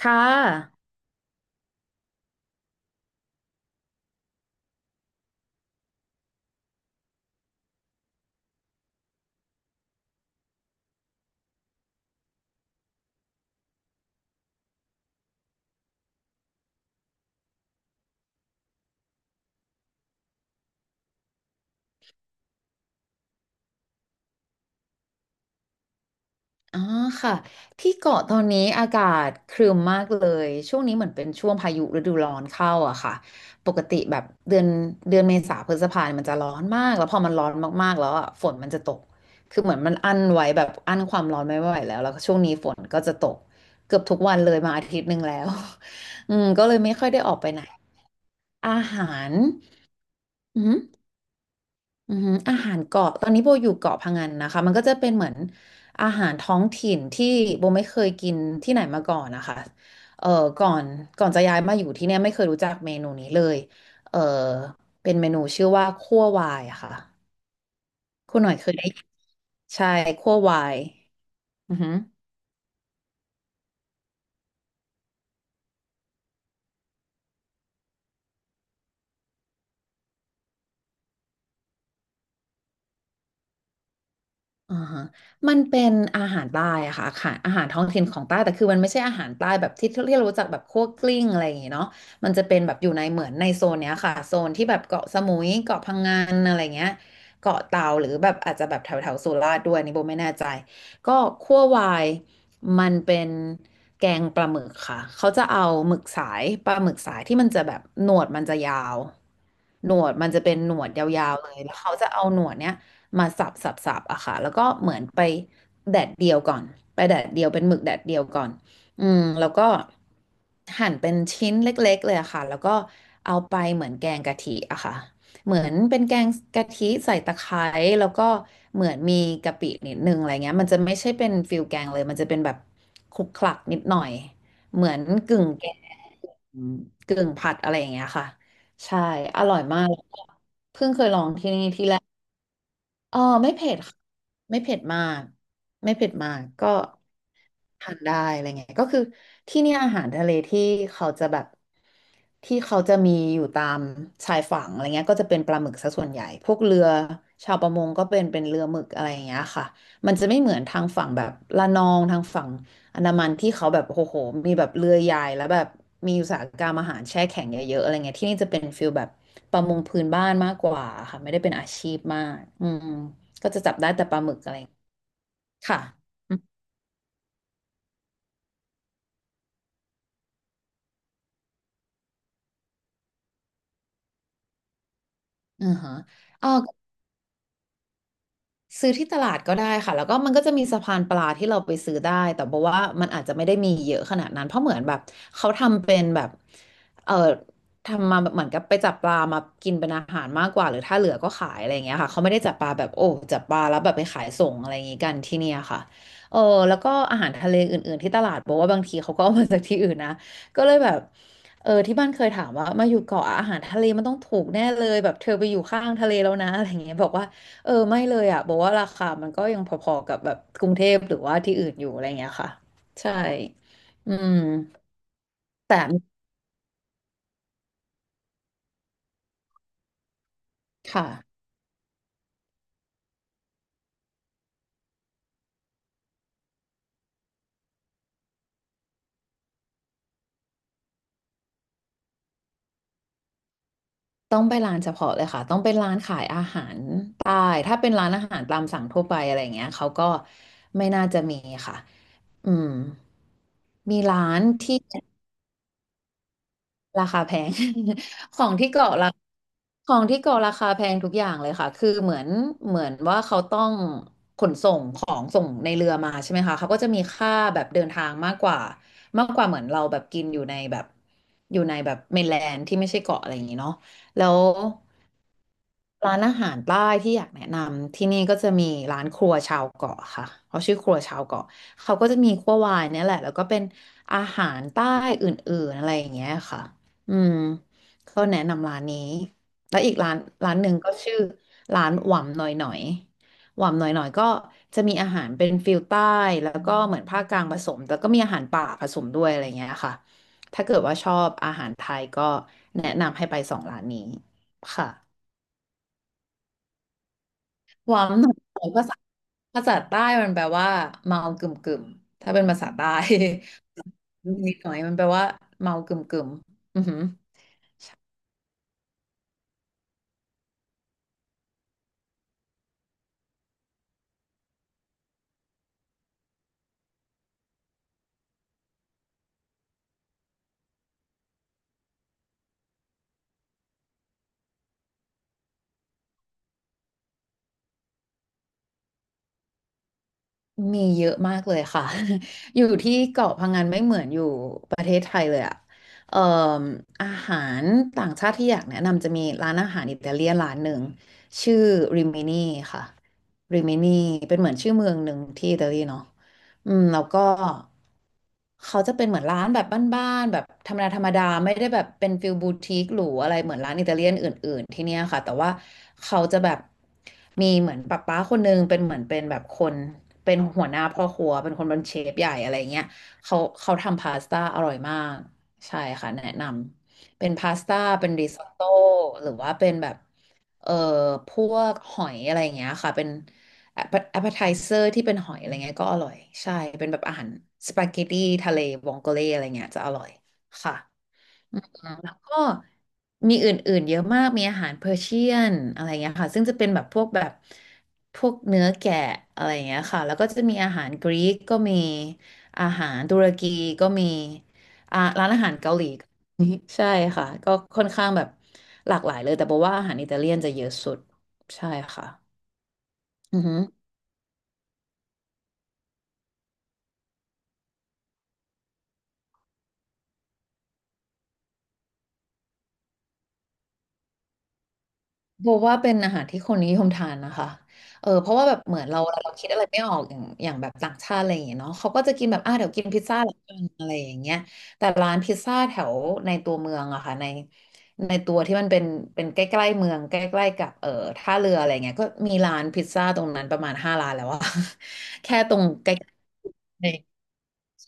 ค่ะอ๋อค่ะ ที่เกาะตอนนี้อากาศครึ้มมากเลย ช่วงนี้เหมือนเป็นช่วงพายุฤดูร้อนเข้าอะค่ะ ปกติแบบเดือนเดือนเมษาพฤษภาเนี่ยมันจะร้อนมาก แล้วพอมันร้อนมากๆแล้วอะฝนมันจะตก คือเหมือนมันอั้นไว้แบบอั้นความร้อนไม่ไหวแล้ว แล้วก็ช่วงนี้ฝนก็จะตกเกือบทุกวันเลยมาอาทิตย์หนึ่งแล้ว อืมก็เลยไม่ค่อยได้ออกไปไหนอาหารอืม อือหืออาหารเกาะตอนนี้โบอยู่เกาะพะงันนะคะมันก็จะเป็นเหมือนอาหารท้องถิ่นที่โบไม่เคยกินที่ไหนมาก่อนนะคะเอ่อก่อนก่อนจะย้ายมาอยู่ที่เนี่ยไม่เคยรู้จักเมนูนี้เลยเอ่อเป็นเมนูชื่อว่าคั่ววายอะค่ะคุณหน่อยเคยได้ยินใช่คั่ววายอือหือ อ่าฮะมันเป็นอาหารใต้อะค่ะอาหารท้องถิ่นของใต้แต่คือมันไม่ใช่อาหารใต้แบบที่เรารู้จักแบบคั่วกลิ้งอะไรอย่างเงี้ยเนาะมันจะเป็นแบบอยู่ในเหมือนในโซนเนี้ยค่ะโซนที่แบบเกาะสมุยเกาะพังงานอะไรเงี้ยเกาะเต่าหรือแบบอาจจะแบบแถวแถวสุราษฎร์ด้วยอันนี่โบไม่แน่ใจก็คั่ววายมันเป็นแกงปลาหมึกค่ะเขาจะเอาหมึกสายปลาหมึกสายที่มันจะแบบหนวดมันจะยาวหนวดมันจะเป็นหนวดยาวๆเลยแล้วเขาจะเอาหนวดเนี้ย มาสับสับสับอะค่ะแล้วก็เหมือนไปแดดเดียวก่อนไปแดดเดียวเป็นหมึกแดดเดียวก่อนอืมแล้วก็หั่นเป็นชิ้นเล็กๆเลยอะค่ะแล้วก็เอาไปเหมือนแกงกะทิอะค่ะเหมือนเป็นแกงกะทิใส่ตะไคร้แล้วก็เหมือนมีกะปินิดนึงอะไรเงี้ยมันจะไม่ใช่เป็นฟิลแกงเลยมันจะเป็นแบบคลุกคลักนิดหน่อยเหมือนกึ่งแกงกึ่งผัดอะไรอย่างเงี้ยค่ะใช่อร่อยมาก เออไม่เผ็ดค่ะไม่เผ็ดมากไม่เผ็ดมากก็ทานได้อะไรเงี้ยก็คือที่เนี่ยอาหารทะเลที่เขาจะแบบที่เขาจะมีอยู่ตามชายฝั่งอะไรเงี้ยก็จะเป็นปลาหมึกซะส่วนใหญ่พวกเรือชาวประมงก็เป็นเรือหมึกอะไรอย่างเงี้ยค่ะมันจะไม่เหมือนทางฝั่งแบบละนองทางฝั่ง อันดามันที่เขาแบบโอ้โหมีแบบเรือใหญ่แล้วแบบมีอุตสาหกรรมอาหารแช่แข็งเยอะๆอะไรเงี้ยที่นี่จะเป็นฟิลแบบประมงพื้นบ้านมากกว่าค่ะไม่ได้เป็นอาชีพมากอืมก็จะจับได้แต่ปลาหมึกอะไรค่ะอือฮะเออ ซื้อที่ตลาดก็ได้ค่ะแล้วก็มันก็จะมีสะพานปลาที่เราไปซื้อได้แต่บอกว่ามันอาจจะไม่ได้มีเยอะขนาดนั้นเพราะเหมือนแบบเขาทำเป็นแบบเออทำมาแบบเหมือนกับไปจับปลามากินเป็นอาหารมากกว่าหรือถ้าเหลือก็ขายอะไรอย่างเงี้ยค่ะเขาไม่ได้จับปลาแบบโอ้จับปลาแล้วแบบไปขายส่งอะไรอย่างงี้กันที่เนี่ยค่ะเออแล้วก็อาหารทะเลอื่นๆที่ตลาดบอกว่าบางทีเขาก็เอามาจากที่อื่นนะก็เลยแบบเออที่บ้านเคยถามว่ามาอยู่เกาะอาหารทะเลมันต้องถูกแน่เลยแบบเธอไปอยู่ข้างทะเลแล้วนะอะไรอย่างเงี้ยบอกว่า เออไม่เลยอ่ะบอกว่าราคามันก็ยังพอๆกับแบบกรุงเทพหรือว่าที่อื่นอยู่อะไรเงี้ยค่ะใช่อืมแต่ค่ะต้องไปร้านเฉพาะเลยค่ะต้องเป็นร้านขายอาหารใต้ถ้าเป็นร้านอาหารตามสั่งทั่วไปอะไรเงี้ยเขาก็ไม่น่าจะมีค่ะอืมมีร้านที่ ราคาแพง ของที่เกาะราของที่เกาะราคาแพงทุกอย่างเลยค่ะ คือเหมือนเหมือนว่าเขาต้องขนส่งของส่งในเรือมาใช่ไหมคะเขาก็จะมีค่าแบบเดินทางมากกว่า มากกว่าเหมือนเราแบบกินอยู่ในแบบอยู่ในแบบเมนแลนด์ที่ไม่ใช่เกาะอะไรอย่างนี้เนาะแล้วร้านอาหารใต้ที่อยากแนะนำที่นี่ก็จะมีร้านครัวชาวเกาะค่ะ เขาชื่อครัวชาวเกาะเขาก็จะมีคั่ววายเนี่ยแหละ แล้วก็เป็นอาหารใต้อื่นๆอะไรอย่างเงี้ยค่ะ อืมเขาแนะนำร้านนี้แล้วอีกร้านหนึ่งก็ชื่อร้านหว่ำหน่อยหน่อยหว่ำหน่อยหน่อยก็จะมีอาหารเป็นฟิลใต้แล้วก็เหมือนภาคกลางผสมแต่ก็มีอาหารป่าผสมด้วยอะไรเงี้ยค่ะถ้าเกิดว่าชอบอาหารไทยก็แนะนำให้ไปสองร้านนี้ค่ะหว่ำหน่อยหน่อยภาษาใต้มันแปลว่าเมากึ่มกึ่มถ้าเป็นภาษาใต้ นิดหน่อยมันแปลว่าเมากึ่มกึ่มอือหือ มีเยอะมากเลยค่ะ อยู่ที่เกาะพังงานไม่เหมือนอยู่ประเทศไทยเลยอะเอ่ออาหารต่างชาติที่อยากแนะนำจะมีร้านอาหารอิตาเลียนร้านหนึ่งชื่อริมินีค่ะริมินีเป็นเหมือนชื่อเมืองหนึ่งที่อิตาลีเนาะ แล้วก็เขาจะเป็นเหมือนร้านแบบบ้านๆแบบธรรมดาธรรมดาไม่ได้แบบเป็นฟิลบูติกหรูอะไรเหมือนร้านอิตาเลียนอื่นๆที่เนี่ยค่ะแต่ว่าเขาจะแบบมีเหมือนป้าป้าคนนึงเป็นเหมือนเป็นแบบคนเป็นหัวหน้าพ่อครัวเป็นคนเป็นเชฟใหญ่อะไรเงี้ยเขาทำพาสต้าอร่อยมากใช่ค่ะแนะนำเป็นพาสต้าเป็นริซอตโต้หรือว่าเป็นแบบเอ่อพวกหอยอะไรอย่างเงี้ยค่ะเป็น แอปเปอร์ไทเซอร์ที่เป็นหอยอะไรเงี้ยก็อร่อยใช่เป็นแบบอาหารสปาเกตตี้ทะเลวองโกเลอะไรเงี้ยจะอร่อยค่ะแล้วก็มีอื่นๆเยอะมากมีอาหารเปอร์เชียนอะไรเงี้ยค่ะซึ่งจะเป็นแบบพวกแบบพวกเนื้อแกะอะไรเงี้ยค่ะแล้วก็จะมีอาหารกรีกก็มีอาหารตุรกีก็มีร้านอาหารเกาหลีก็มีใช่ค่ะก็ค่อนข้างแบบหลากหลายเลยแต่บอกว่าอาหารอิตาเลียนจะเยอะสุดใช่ค่ะอือฮึ โบว่าเป็นอาหารที่คนนิยมทานนะคะเออเพราะว่าแบบเหมือนเราคิดอะไรไม่ออกอย่างแบบต่างชาติอะไรอย่างเงี้ยเนาะเขาก็จะกินแบบอ่ะเดี๋ยวกินพิซซ่าละกันอะไรอย่างเงี้ยแต่ร้านพิซซ่าแถวในตัวเมืองอะค่ะในตัวที่มันเป็นใกล้ๆเมืองใกล้ๆกับท่าเรืออะไรเงี้ยก็มีร้านพิซซ่าตรงนั้นประมาณห้าร้านแล้วอะ แค่ตรงใกล้ๆ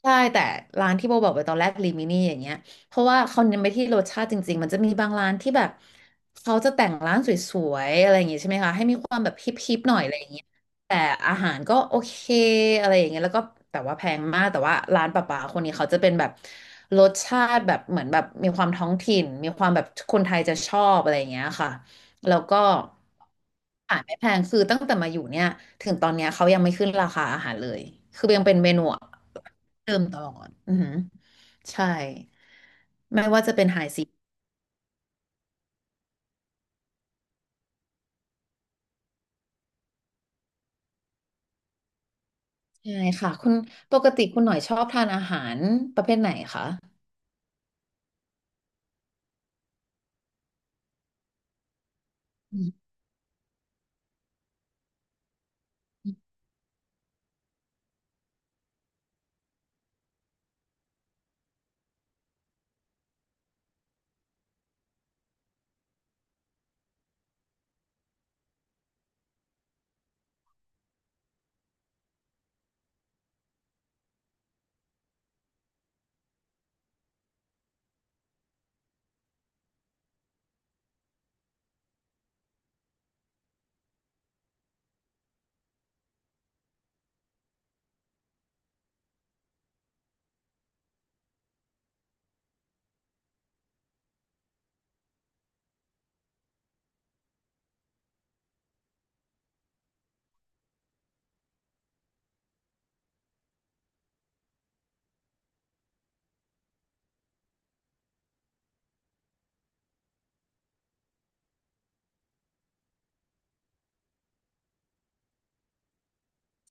ใช่แต่ร้านที่โบบอกไปตอนแรกลิมินี่อย่างเงี้ย เพราะว่าเขาเน้นไปที่รสชาติจริงๆ มันจะมีบางร้านที่แบบเขาจะแต่งร้านสวยๆอะไรอย่างงี้ใช่ไหมคะให้มีความแบบฮิปๆหน่อยอะไรอย่างเงี้ยแต่อาหารก็โอเคอะไรอย่างเงี้ยแล้วก็แต่ว่าแพงมากแต่ว่าร้านป่าๆคนนี้เขาจะเป็นแบบรสชาติแบบเหมือนแบบมีความท้องถิ่นมีความแบบคนไทยจะชอบอะไรอย่างเงี้ยค่ะแล้วก็อาหารไม่แพงคือตั้งแต่มาอยู่เนี่ยถึงตอนเนี้ยเขายังไม่ขึ้นราคาอาหารเลยคือยังเป็นเมนูเดิมตลอดอือหือใช่ ใช่ค่ะปกติคุณหน่อยชอบทานอาหารประเภทไหนคะ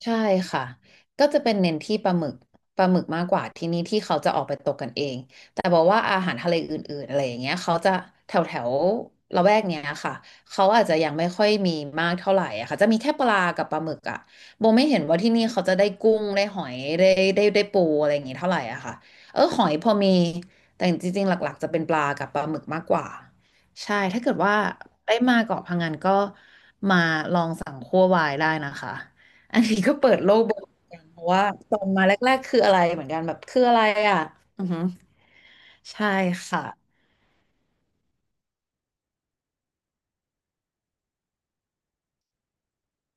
ใช่ค่ะ ก็จะเป็นเน้นที่ปลาหมึกมากกว่าที่นี่ที่เขาจะออกไปตกกันเองแต่บอกว่าอาหารทะเลอื่นๆอะไรอย่างเงี้ยเขาจะแถวแถวละแวกเนี้ยค่ะเขาอาจจะยังไม่ค่อยมีมากเท่าไหร่อะค่ะจะมีแค่ปลากับปลาหมึกอะโบไม่เห็นว่าที่นี่เขาจะได้กุ้งได้หอยได้ปูอะไรอย่างงี้เท่าไหร่อะค่ะเออหอยพอมีแต่จริงๆหลักๆจะเป็นปลากับปลาหมึกมากกว่าใช่ถ้าเกิดว่าได้มาเกาะพังงานก็มาลองสั่งคั่ววายได้นะคะ อันนี้ก็เปิดโลกเบิกเหมือนกันเพราะว่าตอนมาแรกๆคืออะไรเหมือนกันแบบคืออะไรอ่ะอือหือใช่ค่ะ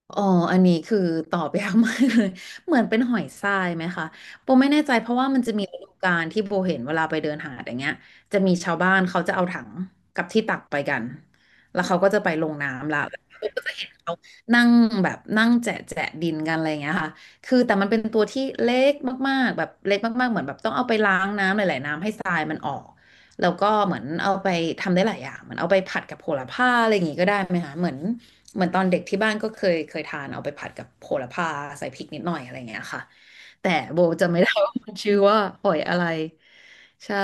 อ๋ออันนี้คือตอบยากมากเลย เหมือนเป็นหอยทรายไหมคะโบไม่แน่ใจเพราะว่ามันจะมีฤดูกาลที่โบเห็นเวลาไปเดินหาดอย่างเงี้ยจะมีชาวบ้านเขาจะเอาถังกับที่ตักไปกันแล้วเขาก็จะไปลงน้ำละแล้วก็จะเห็นเขานั่งแบบนั่งแจะแจะดินกันอะไรอย่างเงี้ยค่ะคือแต่มันเป็นตัวที่เล็กมากๆแบบเล็กมากๆเหมือนแบบต้องเอาไปล้างน้ำหลายๆน้ำให้ทรายมันออก แล้วก็เหมือนเอาไปทำได้หลายอย่างเหมือนเอาไปผัดกับโหระพาอะไรอย่างงี้ก็ได้ไหมคะเหมือนเหมือนตอนเด็กที่บ้านก็เคยทานเอาไปผัดกับโหระพาใส่พริกนิดหน่อยอะไรอย่างเงี้ยค่ะแต่โบจะไม่ได้ว่ามันชื่อว่าหอยอะไรใช่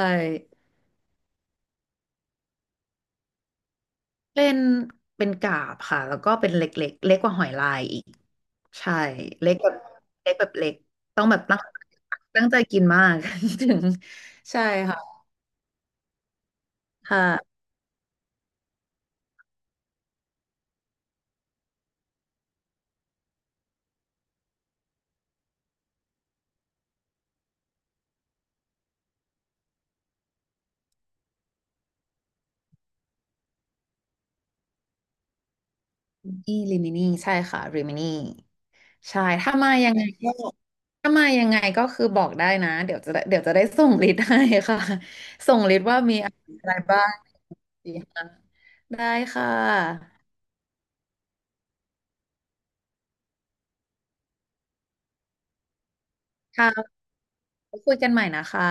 เป็นเป็นกาบค่ะแล้วก็เป็นเล็กเล็กเล็กกว่าหอยลายอีกใช่เล็กแบบเล็กแบบเล็กต้องแบบตั้งใจกินมาก ถึงใช่ค่ะค่ะริมินี่ริมินีใช่ค่ะริมินี ใช่ ถ้ามายังไงก็ถ้ามายังไงก็คือบอกได้นะ เดี๋ยวจะได้ส่งลิสต์ให้ค่ะ ส่งลิสต์ว่ามีอะไรบ้างสี่ห้าได้ค่ะค่ะไว้คุยกันใหม่นะคะ